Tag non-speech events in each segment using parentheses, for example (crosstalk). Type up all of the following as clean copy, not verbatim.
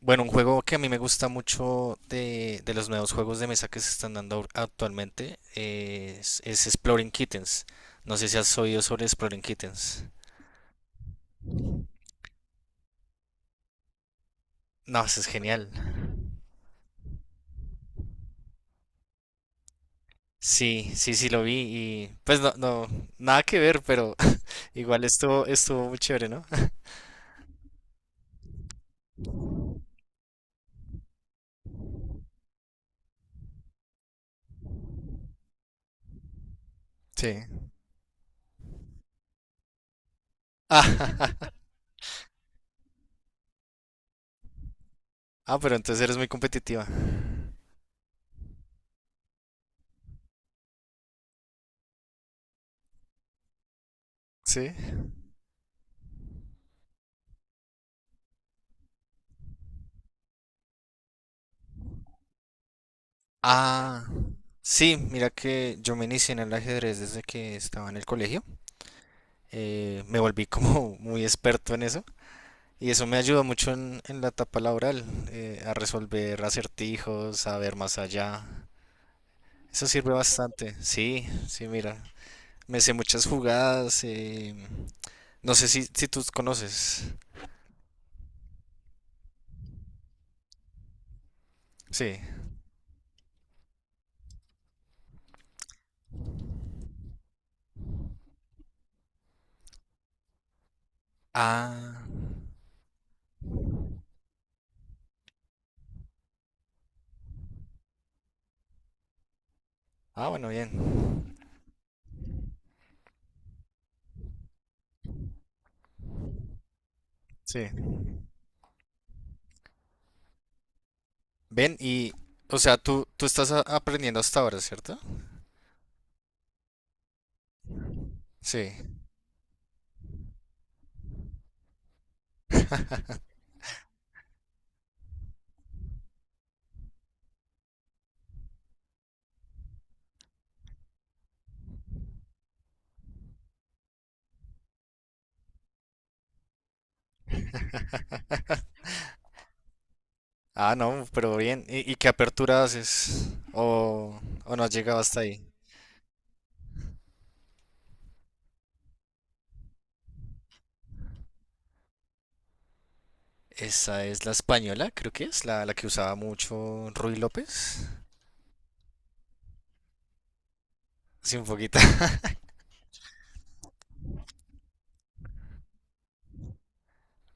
Bueno, un juego que a mí me gusta mucho de los nuevos juegos de mesa que se están dando actualmente, es Exploring Kittens. No sé si has oído sobre Exploring Kittens. No, eso es genial. Sí, sí, sí lo vi y pues nada que ver, pero (laughs) igual estuvo muy chévere, ¿no? (laughs) Sí. Ah, (laughs) ah, pero entonces eres muy competitiva. Sí. Ah, sí, mira que yo me inicié en el ajedrez desde que estaba en el colegio. Me volví como (laughs) muy experto en eso. Y eso me ayudó mucho en la etapa laboral, a resolver acertijos, a ver más allá. Eso sirve bastante. Sí, sí, mira. Me sé muchas jugadas. No sé si tú conoces. Sí. Ah. Ah, bueno, bien. Sí. Ven y, o sea, tú estás aprendiendo hasta ahora, ¿cierto? Sí. (laughs) Ah, no, pero bien. Y qué apertura haces? ¿O, o no has llegado hasta ahí? Esa es la española, creo que es, la que usaba mucho Ruy López. Sí, un poquito. (laughs)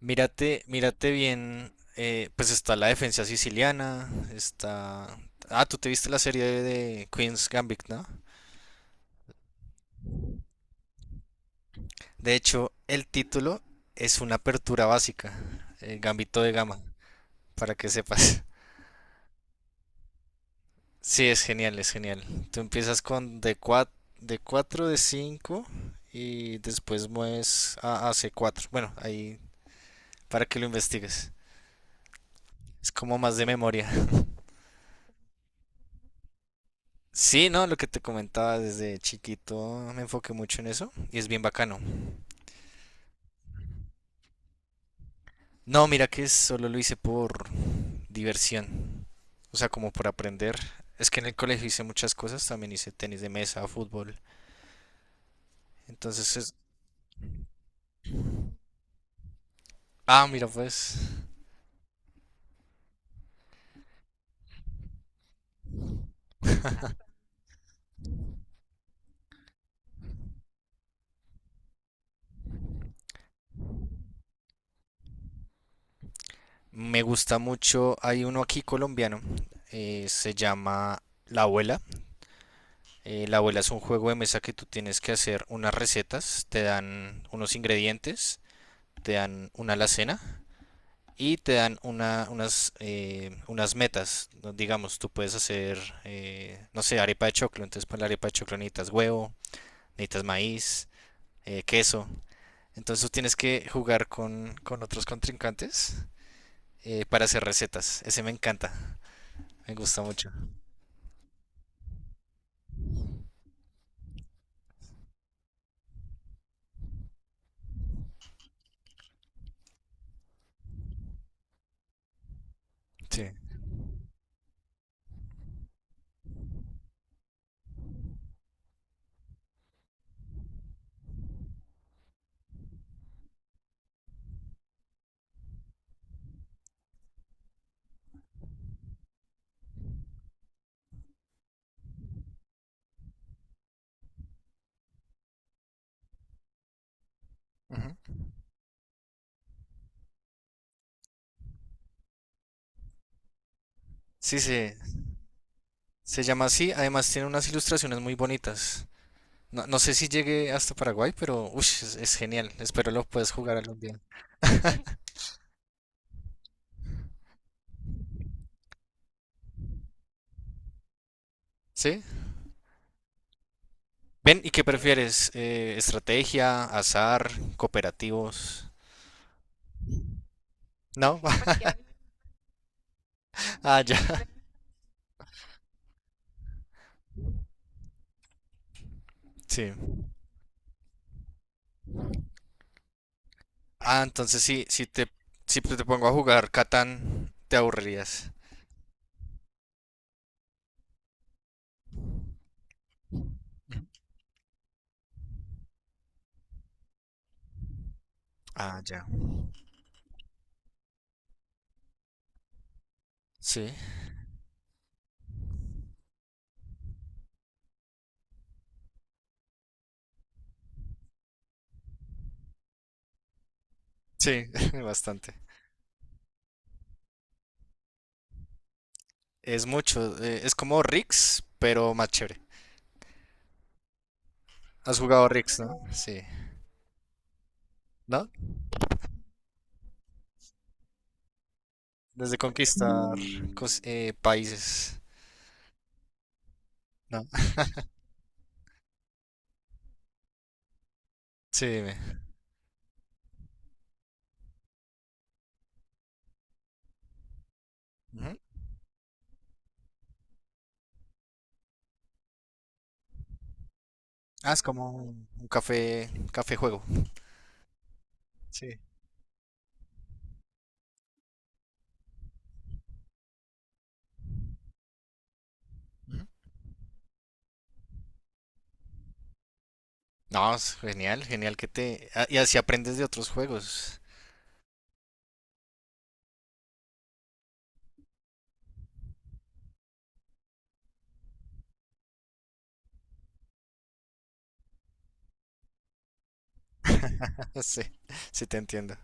Mírate, mírate bien. Pues está la defensa siciliana, está... Ah, tú te viste la serie de Queen's Gambit, ¿no? De hecho, el título es una apertura básica, Gambito de Gama, para que sepas. Sí, es genial, es genial. Tú empiezas con D4, D4, D5 y después mueves a C4. Bueno, ahí para que lo investigues. Es como más de memoria. (laughs) Sí, no, lo que te comentaba desde chiquito me enfoqué mucho en eso y es bien bacano. No, mira que solo lo hice por diversión. O sea, como por aprender. Es que en el colegio hice muchas cosas, también hice tenis de mesa, fútbol. Entonces es... Ah, mira pues. Me gusta mucho, hay uno aquí colombiano, se llama La Abuela. La Abuela es un juego de mesa que tú tienes que hacer unas recetas, te dan unos ingredientes, te dan una alacena y te dan unas metas. ¿No? Digamos, tú puedes hacer, no sé, arepa de choclo. Entonces para la arepa de choclo necesitas huevo, necesitas maíz, queso. Entonces tú tienes que jugar con otros contrincantes, para hacer recetas. Ese me encanta, me gusta mucho. Sí. Ujú. Sí, sí, se llama así. Además tiene unas ilustraciones muy bonitas. No, no sé si llegue hasta Paraguay, pero ush, es genial. Espero lo puedas jugar algún día. (laughs) ¿Sí? Ven, ¿y qué prefieres? ¿Estrategia, azar, cooperativos? ¿No? (laughs) Ah, ya. Sí. Ah, entonces sí, si te pongo a jugar Catán, te aburrirías. Ah, ya. Sí. Sí, (laughs) bastante. Es mucho. Es como Rix, pero más chévere. Has jugado Rix, ¿no? Sí. ¿No? Desde conquistar países. ¿No? (laughs) Sí, dime. Ujú. Ah, es como un café, café juego. Sí. Ujú. No, es genial, genial que te... ah, y así aprendes de otros juegos. (laughs) Sí, sí te entiendo.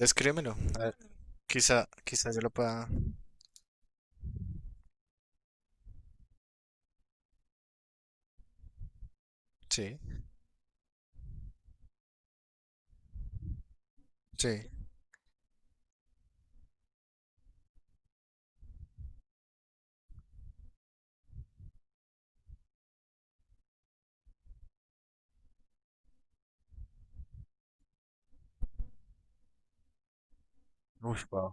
Descríbemelo. A ver, quizá, quizá yo lo pueda... Sí, sí. Ush. Wow.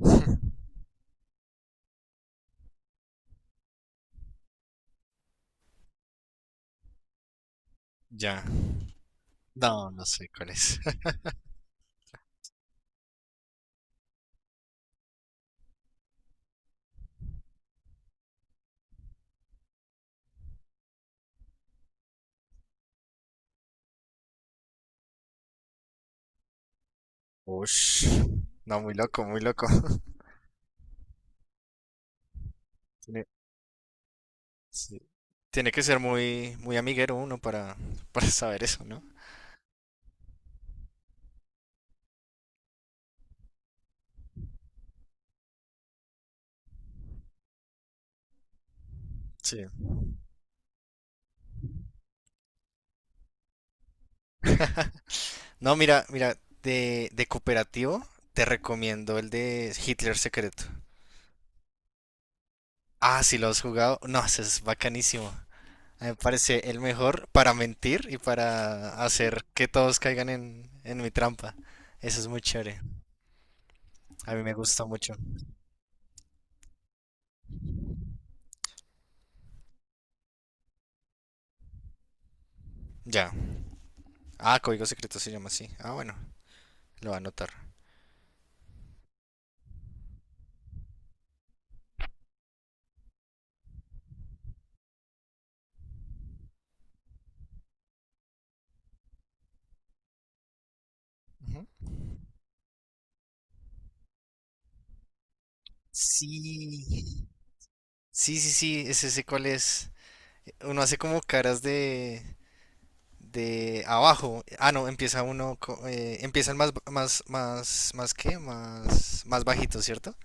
(laughs) Ya. No, no sé cuál es. (laughs) Ush. No, muy loco, muy loco. (laughs) Sí, tiene que ser muy, muy amiguero uno para, (laughs) para saber eso, ¿no? Sí. No, mira, mira, de cooperativo te recomiendo el de Hitler Secreto. Ah, si lo has jugado, no, ese es bacanísimo. A mí me parece el mejor para mentir y para hacer que todos caigan en mi trampa. Eso es muy chévere. A mí me gusta mucho. Ya. Ah, Código Secreto se llama así. Ah, bueno, lo va a anotar. Ujú. Sí. Sí, sí, sí, ese sé cuál es. Uno hace como caras de abajo. Ah, no, empieza uno, empiezan más, más, más, más qué, más, más bajito, ¿cierto?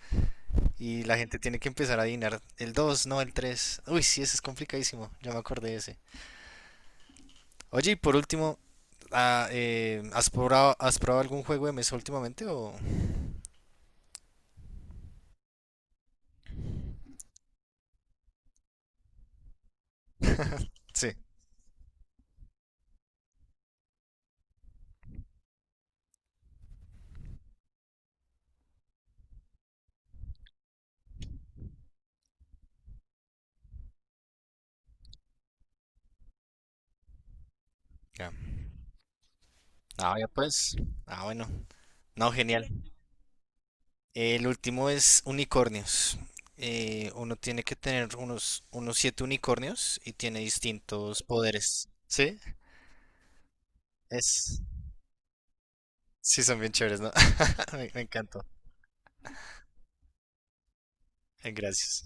Y la gente tiene que empezar a adivinar el 2, no el 3. Uy, sí, ese es complicadísimo, ya me acordé de ese. Oye, y por último, ah, has probado algún juego de mesa últimamente o...? Sí, ya. Ah, ya pues. Ah, bueno. No, genial. El último es unicornios. Uno tiene que tener unos siete unicornios y tiene distintos poderes. ¿Sí? Es... Sí, son bien chéveres, ¿no? (laughs) Me encantó. Gracias.